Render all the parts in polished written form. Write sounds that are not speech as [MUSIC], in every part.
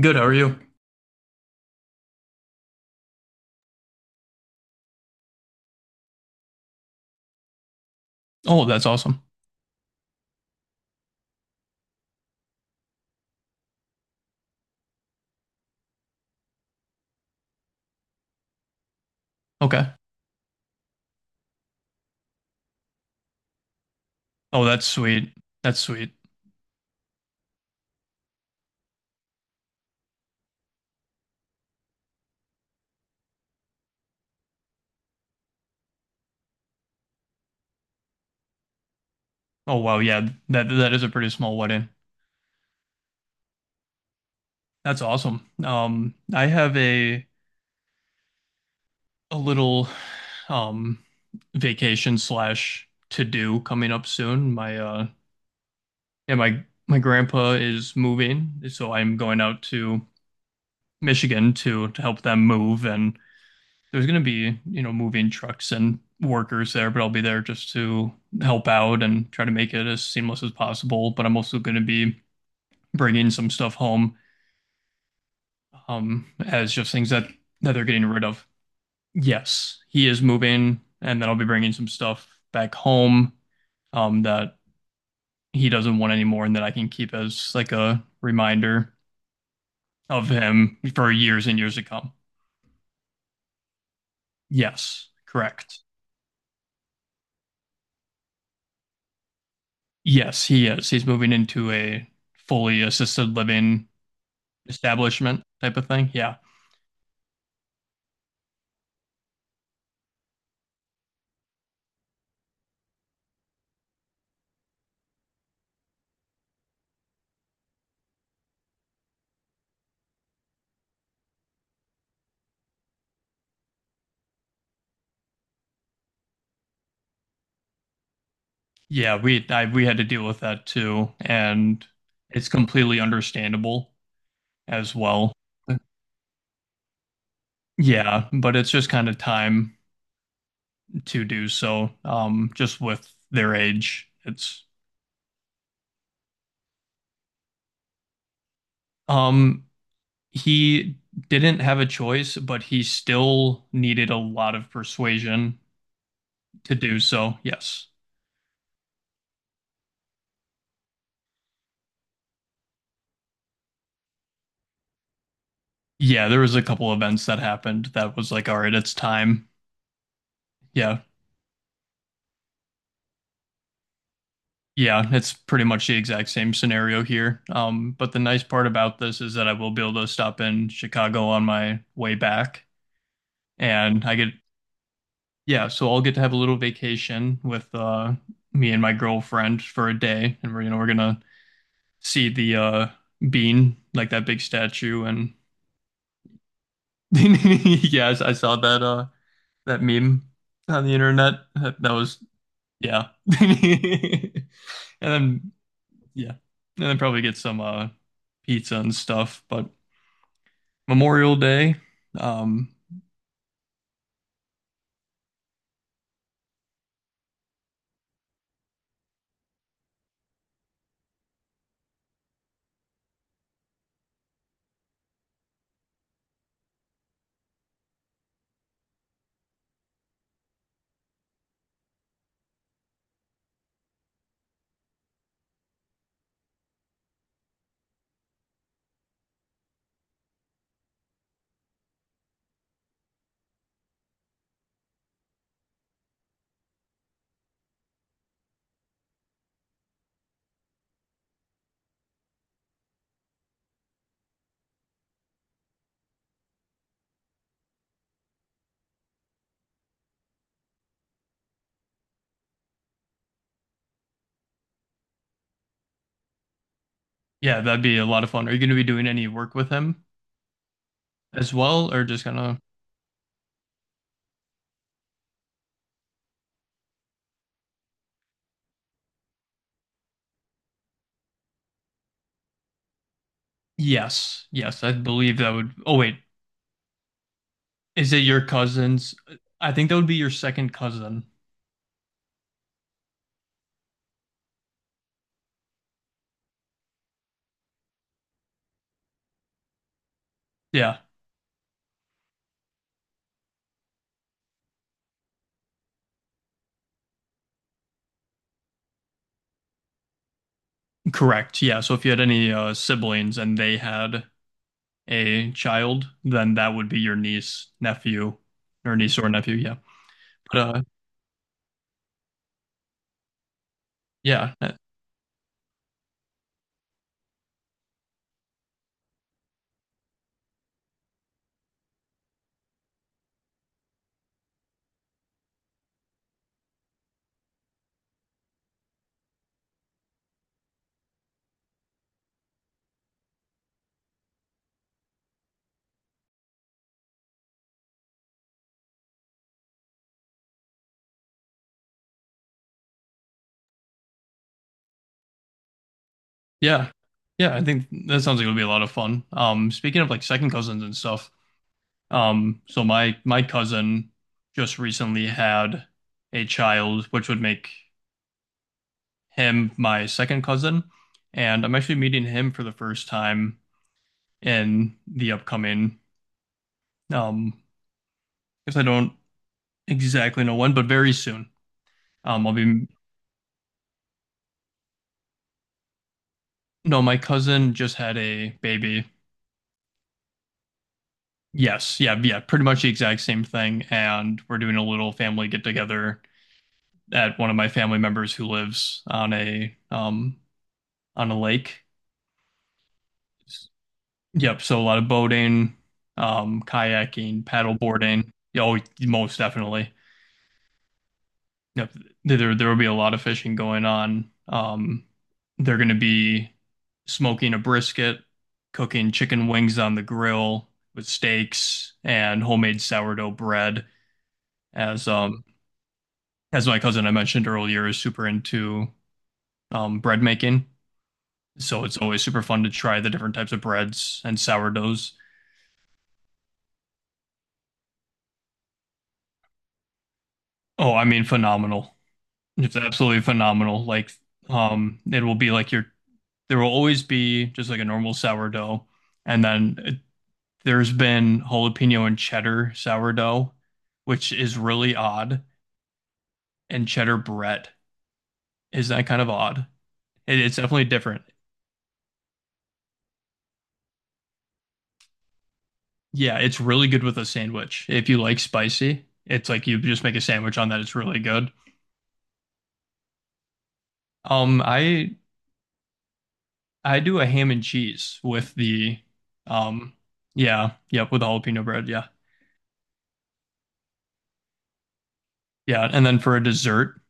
Good, how are you? Oh, that's awesome. Okay. Oh, that's sweet. That's sweet. Oh, wow. Yeah, that is a pretty small wedding. That's awesome. I have a little um vacation slash to do coming up soon. My yeah, my grandpa is moving, so I'm going out to Michigan to help them move, and there's going to be, you know, moving trucks and workers there, but I'll be there just to help out and try to make it as seamless as possible. But I'm also going to be bringing some stuff home, as just things that they're getting rid of. Yes, he is moving, and then I'll be bringing some stuff back home, that he doesn't want anymore, and that I can keep as like a reminder of him for years and years to come. Yes, correct. Yes, he is. He's moving into a fully assisted living establishment type of thing. Yeah. Yeah, we had to deal with that too, and it's completely understandable as well. Yeah, but it's just kind of time to do so. Just with their age, it's um he didn't have a choice, but he still needed a lot of persuasion to do so. Yes. Yeah, there was a couple events that happened that was like, all right, it's time. Yeah. Yeah, it's pretty much the exact same scenario here. But the nice part about this is that I will be able to stop in Chicago on my way back, and I get yeah, so I'll get to have a little vacation with me and my girlfriend for a day, and we're you know we're gonna see the bean, like that big statue, and [LAUGHS] yes, I saw that that meme on the internet. That, that was yeah, [LAUGHS] and then Yeah. And then probably get some pizza and stuff. But Memorial Day, um, yeah, that'd be a lot of fun. Are you gonna be doing any work with him as well, or just gonna Yes, yes, I believe that would oh wait, is it your cousin's? I think that would be your second cousin. Yeah, correct. Yeah, so if you had any siblings and they had a child, then that would be your niece, nephew, or niece or nephew, yeah. But yeah. Yeah. Yeah, I think that sounds like it would be a lot of fun. Speaking of like second cousins and stuff, so my cousin just recently had a child, which would make him my second cousin, and I'm actually meeting him for the first time in the upcoming, um, I guess I don't exactly know when, but very soon. Um, I'll be, no, my cousin just had a baby. Yes, yeah, yeah, pretty much the exact same thing, and we're doing a little family get together at one of my family members who lives on a lake. Yep, so a lot of boating, kayaking, paddle boarding. Yeah, oh, most definitely. Yep, there will be a lot of fishing going on. They're going to be smoking a brisket, cooking chicken wings on the grill with steaks and homemade sourdough bread. As um as my cousin I mentioned earlier is super into bread making. So it's always super fun to try the different types of breads and sourdoughs. Oh, I mean, phenomenal. It's absolutely phenomenal. Like, it will be like your, there will always be just like a normal sourdough. And then there's been jalapeno and cheddar sourdough, which is really odd. And cheddar bread is that kind of odd. It's definitely different. Yeah, it's really good with a sandwich. If you like spicy, it's like you just make a sandwich on that. It's really good. Um, I I do a ham and cheese with the, um, yeah, yep, with the jalapeno bread, yeah, yeah, and then for a dessert,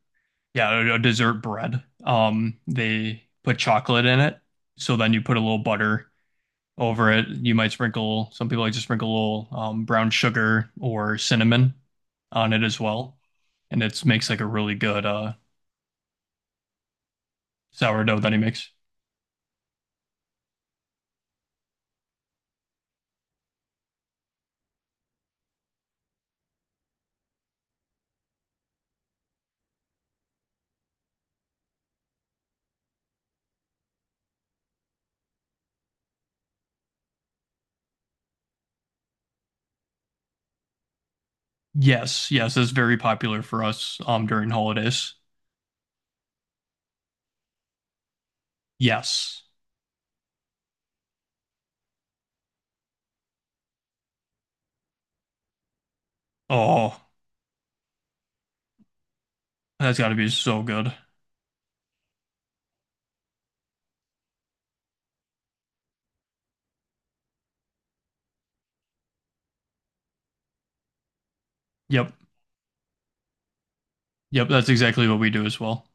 yeah, a dessert bread. They put chocolate in it, so then you put a little butter over it. You might sprinkle. Some people like to sprinkle a little brown sugar or cinnamon on it as well, and it makes like a really good sourdough that he makes. Yes, yes, that's very popular for us during holidays. Yes. Oh, that's got to be so good. Yep. Yep. That's exactly what we do as well.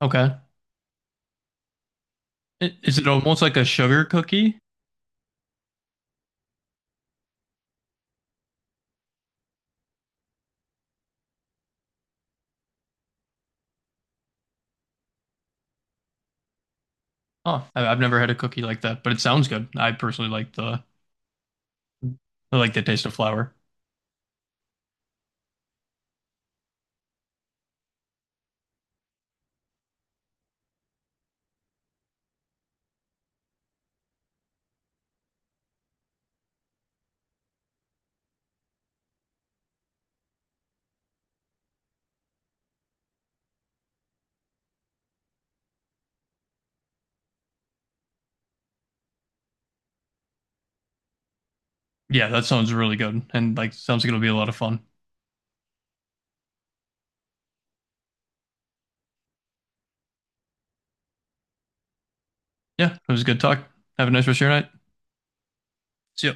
Okay. I- Is it almost like a sugar cookie? Huh. I- I've never had a cookie like that, but it sounds good. I like the taste of flour. Yeah, that sounds really good, and like sounds like it'll be a lot of fun. Yeah, it was a good talk. Have a nice rest of your night. See ya.